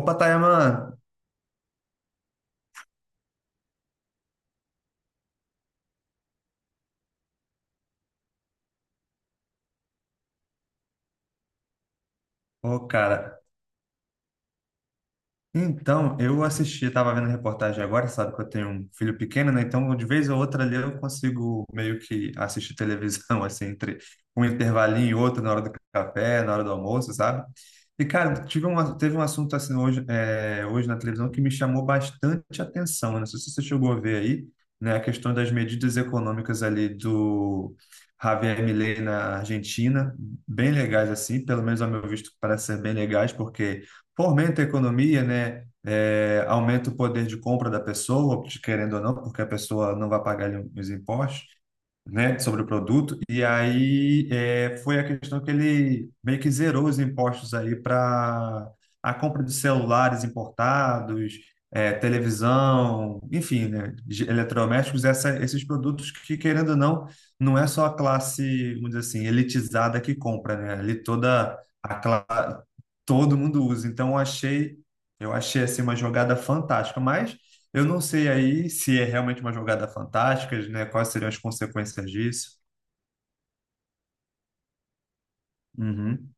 Opa, Tayaman! Ô, cara, então, eu assisti, estava vendo a reportagem agora, sabe que eu tenho um filho pequeno, né? Então, de vez ou outra ali eu consigo meio que assistir televisão, assim, entre um intervalinho e outro, na hora do café, na hora do almoço, sabe? E, cara, teve um assunto assim hoje, hoje na televisão que me chamou bastante atenção, né? Não sei se você chegou a ver aí, né? A questão das medidas econômicas ali do Javier Milei na Argentina, bem legais, assim, pelo menos ao meu visto, parece ser bem legais, porque fomenta a economia, né? É, aumenta o poder de compra da pessoa, querendo ou não, porque a pessoa não vai pagar ali os impostos, né, sobre o produto. E aí foi a questão que ele meio que zerou os impostos aí para a compra de celulares importados, é, televisão, enfim, né, de eletrodomésticos, esses produtos que, querendo ou não, não é só a classe, vamos dizer assim, elitizada que compra, né? Ali toda a Todo mundo usa. Então eu achei assim uma jogada fantástica, mas eu não sei aí se é realmente uma jogada fantástica, né? Quais seriam as consequências disso? Uhum,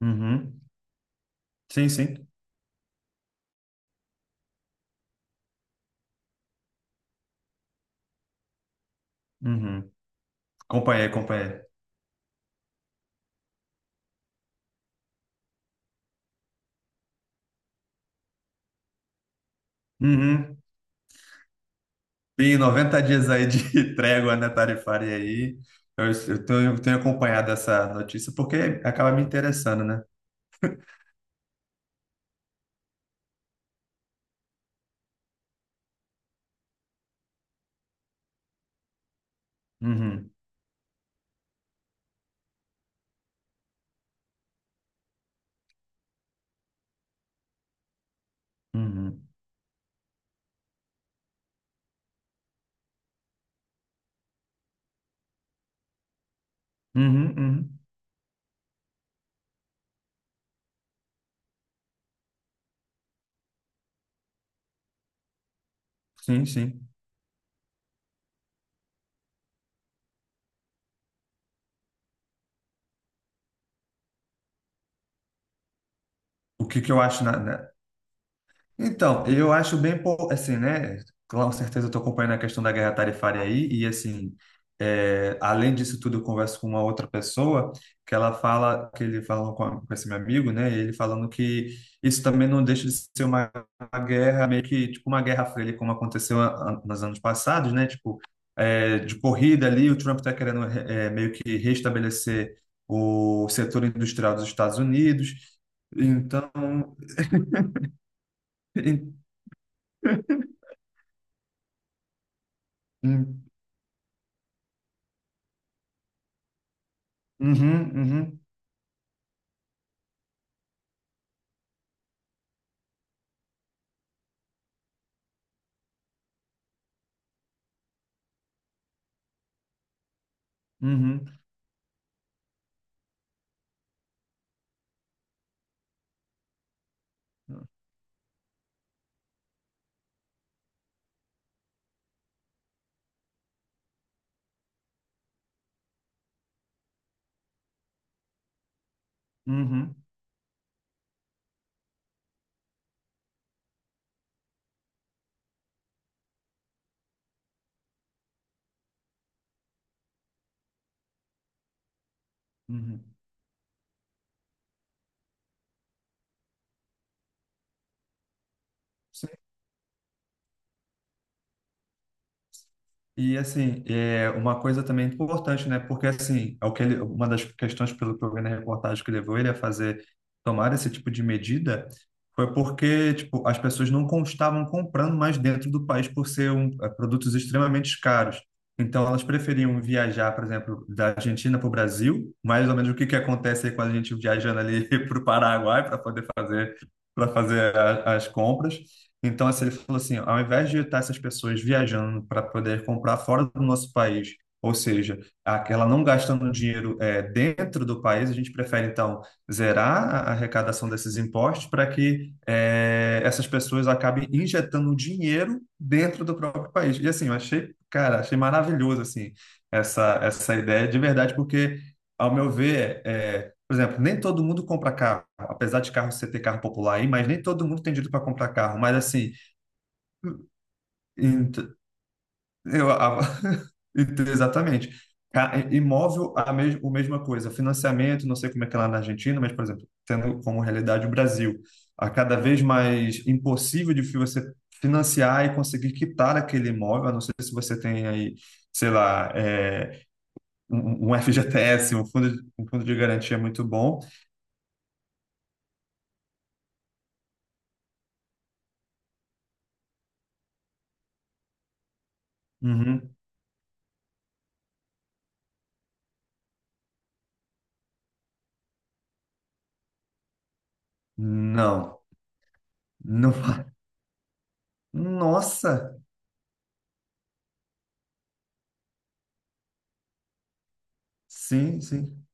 uhum. Sim, sim. Uhum. Acompanhei, acompanhei. Uhum. Tem 90 dias aí de trégua, né, tarifária aí. Eu tenho acompanhado essa notícia porque acaba me interessando, né? Uhum, uhum, uhum, uhum. Sim, sim. O que que eu acho na? Então, eu acho assim, né? Com certeza eu estou acompanhando a questão da guerra tarifária aí, e assim, é, além disso tudo, eu converso com uma outra pessoa que ele falou com esse meu amigo, né? E ele falando que isso também não deixa de ser uma guerra, meio que tipo uma guerra fria, ali, como aconteceu nos anos passados, né? Tipo, é, de corrida ali, o Trump está querendo meio que restabelecer o setor industrial dos Estados Unidos. Então, en- uhum, uhum, uhum, uhum, uhum. Sim. E assim, é uma coisa também importante, né? Porque assim, é o que ele, uma das questões pelo que eu vi na reportagem que levou ele a fazer tomar esse tipo de medida foi porque, tipo, as pessoas não con- estavam comprando mais dentro do país por ser eh, produtos extremamente caros. Então, elas preferiam viajar, por exemplo, da Argentina para o Brasil, mais ou menos o que que acontece aí quando a gente viajando ali para o Paraguai para poder fazer para fazer as compras. Então, assim, ele falou assim, ao invés de estar essas pessoas viajando para poder comprar fora do nosso país, ou seja, aquela não gastando dinheiro eh, dentro do país, a gente prefere, então, zerar a arrecadação desses impostos para que eh, essas pessoas acabem injetando dinheiro dentro do próprio país. E, assim, eu achei, cara, achei maravilhoso, assim, essa ideia de verdade, porque, ao meu ver, eh, por exemplo, nem todo mundo compra carro, apesar de carro você ter carro popular aí, mas nem todo mundo tem dinheiro para comprar carro. Mas assim, ent- eu, a- exatamente. Imóvel, a mesma coisa. Financiamento, não sei como é que é lá na Argentina, mas, por exemplo, tendo como realidade o Brasil, a cada vez mais impossível de você financiar e conseguir quitar aquele imóvel, a não ser se você tem aí, sei lá, é, um FGTS, um fundo de garantia muito bom. Uhum. Não. Não. fa- Nossa! Sim, sim,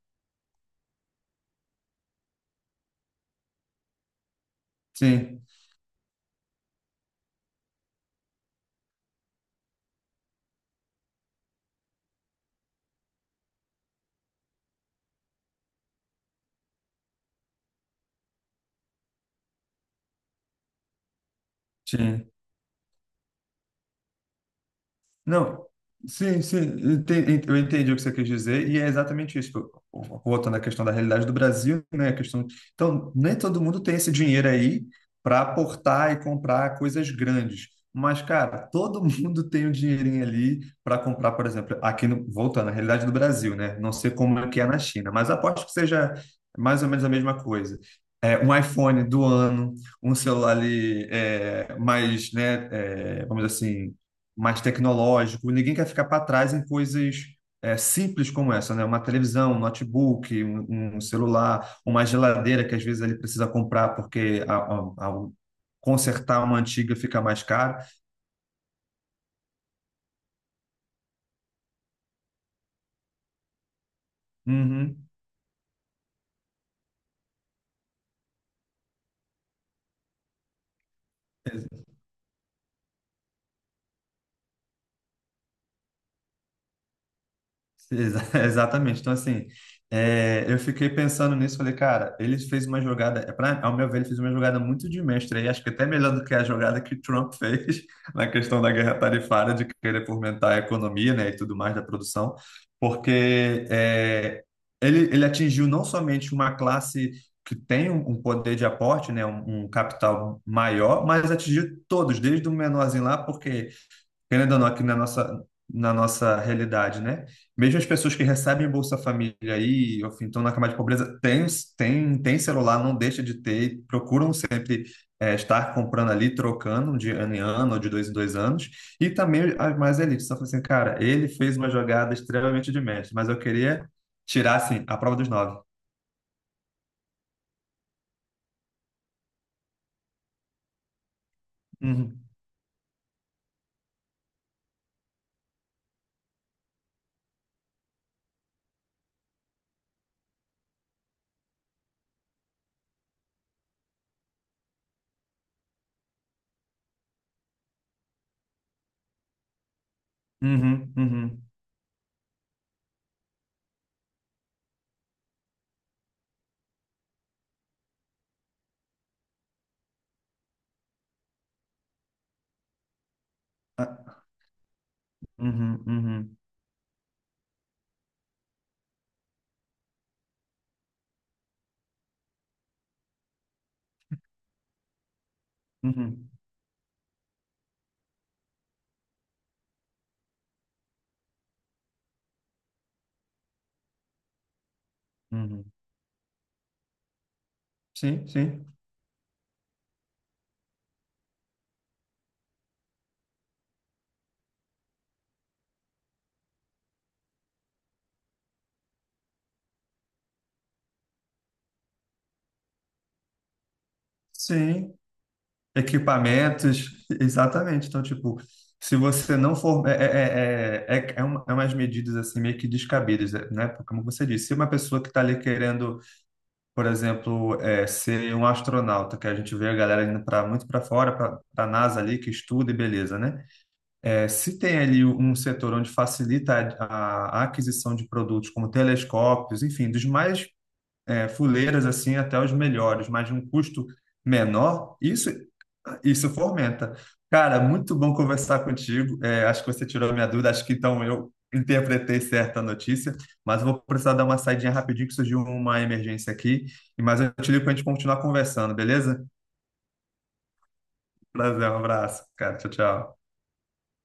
sim, sim. Não, sim, sim, eu entendi o que você quis dizer, e é exatamente isso. Tipo, voltando à questão da realidade do Brasil, né? A questão... Então, nem todo mundo tem esse dinheiro aí para aportar e comprar coisas grandes. Mas, cara, todo mundo tem o dinheirinho ali para comprar, por exemplo, aqui no... voltando à realidade do Brasil, né? Não sei como é que é na China, mas aposto que seja mais ou menos a mesma coisa. É, um iPhone do ano, um celular ali mais, né, é, vamos dizer assim mais tecnológico. Ninguém quer ficar para trás em coisas é, simples como essa, né? Uma televisão, um notebook, um celular, uma geladeira que às vezes ele precisa comprar porque a- consertar uma antiga fica mais caro. Uhum. Exatamente. Então, assim, é, eu fiquei pensando nisso, falei, cara, ele fez uma jogada, é pra, ao meu ver, ele fez uma jogada muito de mestre aí, acho que até melhor do que a jogada que o Trump fez na questão da guerra tarifária, de querer fomentar a economia, né, e tudo mais da produção, porque é, ele atingiu não somente uma classe que tem um poder de aporte, né, um capital maior, mas atingiu todos, desde o menorzinho lá, porque querendo ou não, na nossa realidade, né? Mesmo as pessoas que recebem Bolsa Família aí, ou enfim, estão na camada de pobreza, tem celular, não deixa de ter, procuram sempre eh, estar comprando ali, trocando de ano em ano, ou de dois em dois anos, e também as mais elites. Só assim, cara, ele fez uma jogada extremamente de mestre, mas eu queria tirar, assim, a prova dos nove. Uhum, uhum, uhum, ah, uhum, uhum, uhum, uhum. Sim, sim. Sim, equipamentos, exatamente. Então, tipo, se você não for. É, é, é, é, é é é umas medidas assim meio que descabidas, né? Porque, como você disse, se uma pessoa que está ali querendo, por exemplo, é, ser um astronauta, que a gente vê a galera indo para muito para fora, para a NASA ali, que estuda e beleza, né? É, se tem ali um setor onde facilita a aquisição de produtos como telescópios, enfim, dos mais é, fuleiras assim até os melhores, mas de um custo menor, isso fomenta. Cara, muito bom conversar contigo. É, acho que você tirou a minha dúvida, acho que então eu interpretei certa notícia, mas eu vou precisar dar uma saidinha rapidinho que surgiu uma emergência aqui, mas eu te ligo para a gente continuar conversando, beleza? Prazer, um abraço, cara. Tchau, tchau.